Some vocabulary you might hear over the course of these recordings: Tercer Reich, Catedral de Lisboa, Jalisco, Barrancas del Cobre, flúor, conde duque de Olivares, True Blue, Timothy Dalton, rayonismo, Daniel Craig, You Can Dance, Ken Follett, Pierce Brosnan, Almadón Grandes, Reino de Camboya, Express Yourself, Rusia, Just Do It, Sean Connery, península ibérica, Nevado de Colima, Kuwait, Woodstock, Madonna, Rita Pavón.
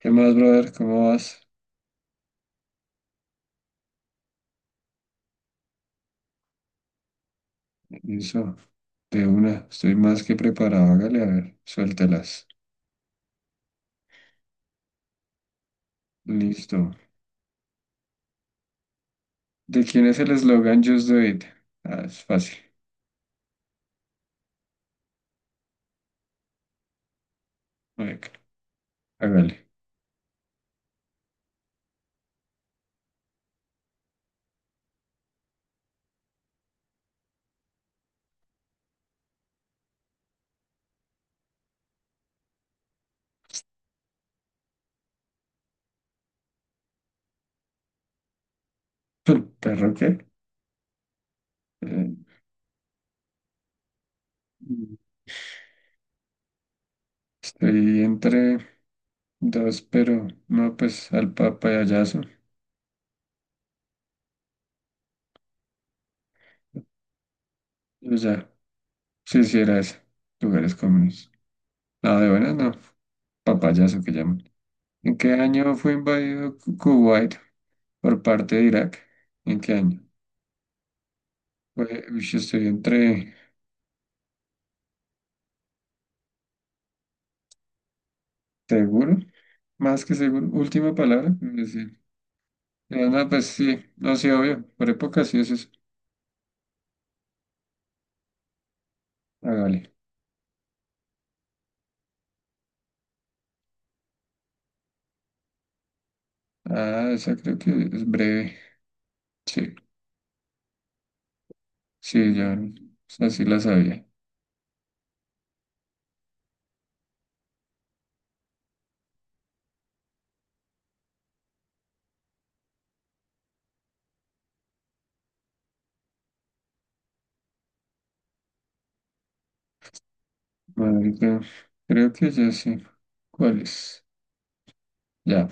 ¿Qué más, brother? ¿Cómo vas? Eso, de una, estoy más que preparado. Hágale, a ver, suéltelas. Listo. ¿De quién es el eslogan Just Do It? Ah, es fácil. Marica, hágale. ¿Perro qué? Eh, estoy entre dos, pero no, pues al papayazo. Yo ya, sí, era eso. Lugares comunes. Nada de buenas, no. Papayazo que llaman. ¿En qué año fue invadido Kuwait por parte de Irak? ¿En qué año? Oye, uy, yo estoy entre seguro, más que seguro. Última palabra, es decir, no, pues sí, no, sí, obvio, por época sí es eso. Hágale. Ah, esa creo que es breve. Sí, sí, ya, o sea, sí la sabía. Marica, creo que ya sí. ¿Cuál es? Ya.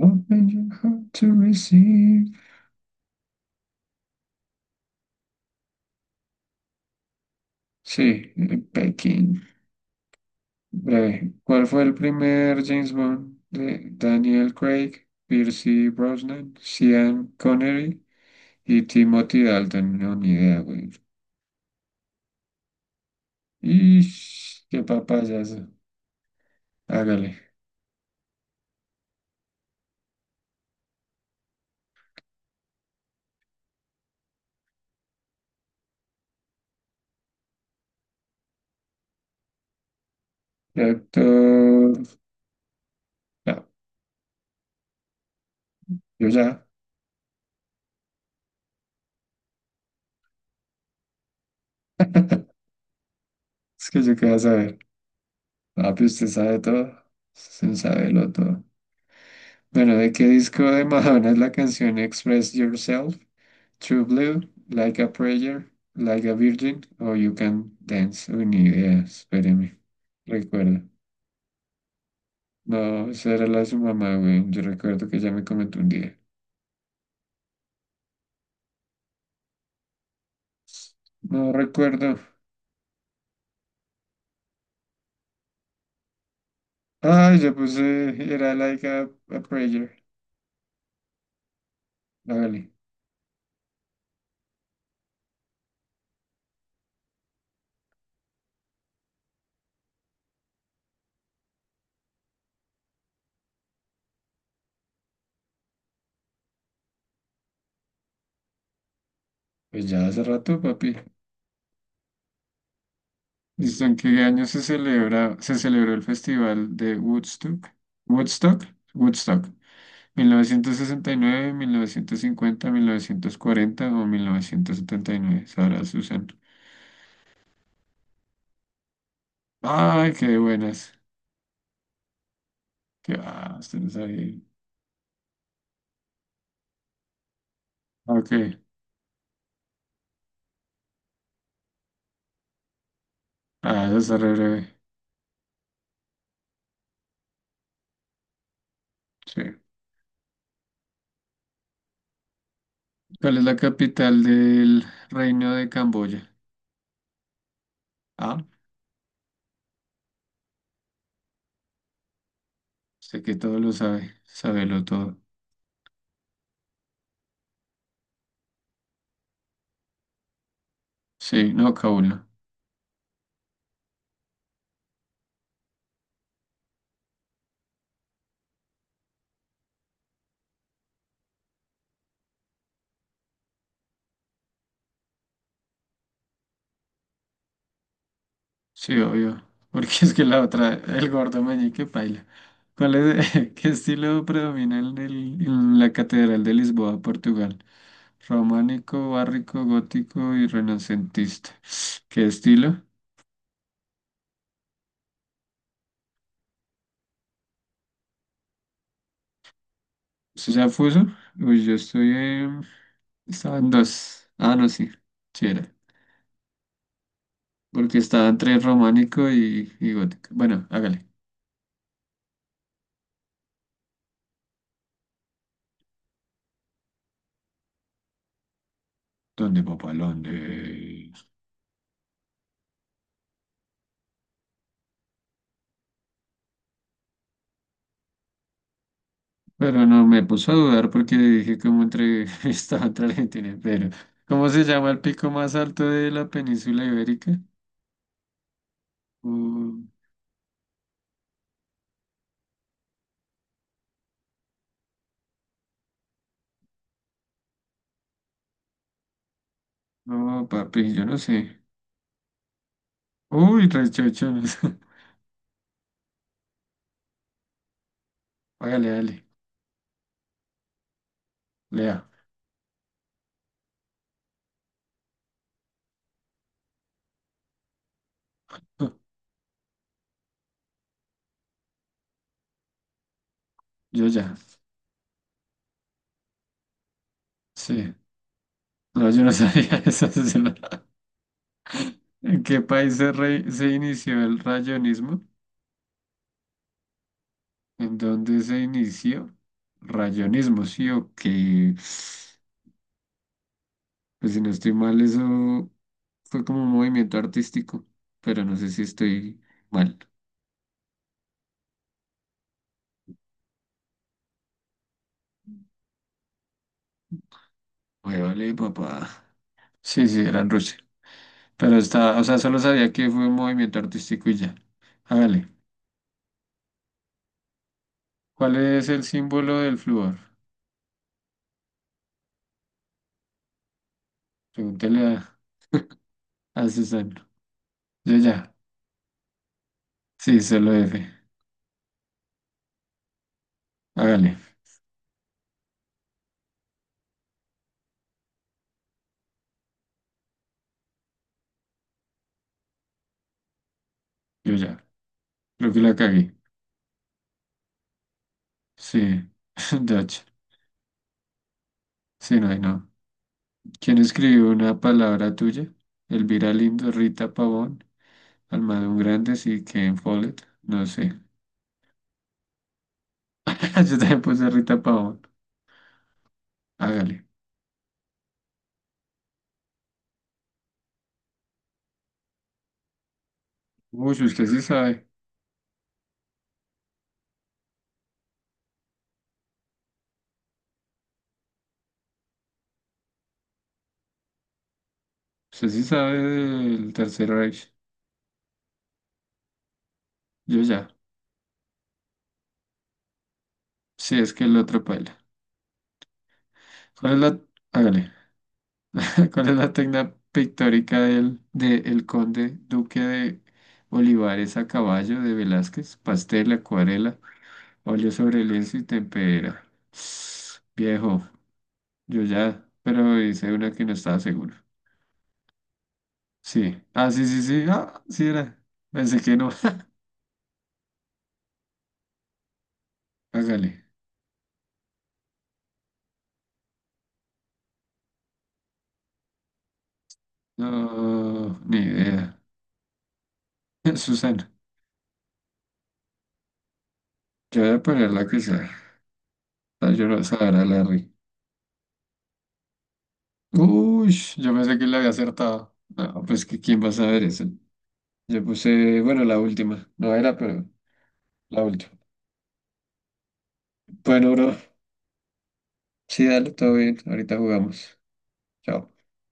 Open your heart to receive. Sí, Pekín. Breve. ¿Cuál fue el primer James Bond de Daniel Craig, Pierce Brosnan, Sean Connery? Y Timothy Dalton, no, ni idea, güey. Y qué papayas. Hágale. Y actor. No, yo ya. Es que yo qué vas a ver. Papi, usted sabe todo. Usted sabe lo todo. Bueno, ¿de qué disco de Madonna es la canción Express Yourself? True Blue, Like a Prayer, Like a Virgin o You Can Dance. Uy, ni idea, espéreme. Recuerda, no, esa era la de su mamá, güey. Yo recuerdo que ella me comentó un día. No recuerdo. Ah, yo puse, era like a prayer. Hágale. Pues ya hace rato, papi. ¿Listo? ¿En qué año se celebró el festival de Woodstock? Woodstock, Woodstock. 1969, 1950, 1940 o 1979. Sara Susan. Ay, qué buenas. Qué ah, usted no sabía. Ok. Ah, eso está re breve. Sí. ¿Cuál es la capital del Reino de Camboya? A. Sé que todo lo sabe, sabelo todo. Sí, no, Kaula. Sí, obvio. Porque es que la otra, el gordo meñique paila. ¿Cuál es, qué estilo predomina en la Catedral de Lisboa, Portugal? Románico, barroco, gótico y renacentista. ¿Qué estilo? ¿Eso ya puso? Uy, yo estoy en... Estaba en dos. Ah, no, sí. Sí era. Porque estaba entre románico y gótico. Bueno, hágale. ¿Dónde, papá? ¿Dónde? Pero no me puso a dudar porque dije cómo entre estaba entre Argentina. Pero, ¿cómo se llama el pico más alto de la península ibérica? Uh, no, papi, yo no sé. Uy, rechocho, no sé. Hágale, dale. Lea. Yo ya. Sí. No, yo no sabía eso, sí, no. ¿En qué país se inició el rayonismo? ¿En dónde se inició? Rayonismo, sí, o que pues si no estoy mal, eso. Fue como un movimiento artístico, pero no sé si estoy mal. Oye, vale, papá. Sí, sí, era en Rusia. Pero estaba, o sea, solo sabía que fue un movimiento artístico y ya. Hágale. ¿Cuál es el símbolo del flúor? Pregúntale a Susana. Yo ya. Sí, solo F. Hágale. Yo ya. Creo que la cagué. Sí. Dutch. Sí, no, ahí no. ¿Quién escribió una palabra tuya? Elvira Lindo, Rita Pavón, Almadón Grandes y Ken Follett. No sé. Yo también puse Rita Pavón. Hágale. Uy, usted sí sabe. Usted sí sabe del Tercer Reich. Yo ya. Sí, es que el otro paila. ¿Cuál es la... Hágale. ¿Cuál es la técnica pictórica de el conde duque de Olivares a caballo de Velázquez? Pastel, acuarela, óleo sobre lienzo y tempera. Viejo, yo ya. Pero hice una que no estaba seguro. Sí. Ah, sí, sí, sí. Ah, sí era. Pensé que no. Hágale. No, ni idea. Susana, yo voy a ponerla quizá. La llorosa a Larry. Uy, yo pensé que le había acertado. No, pues que quién va a saber eso. Yo puse, bueno, la última. No era, pero la última. Bueno, bro. Sí, dale, todo bien. Ahorita jugamos. Chao.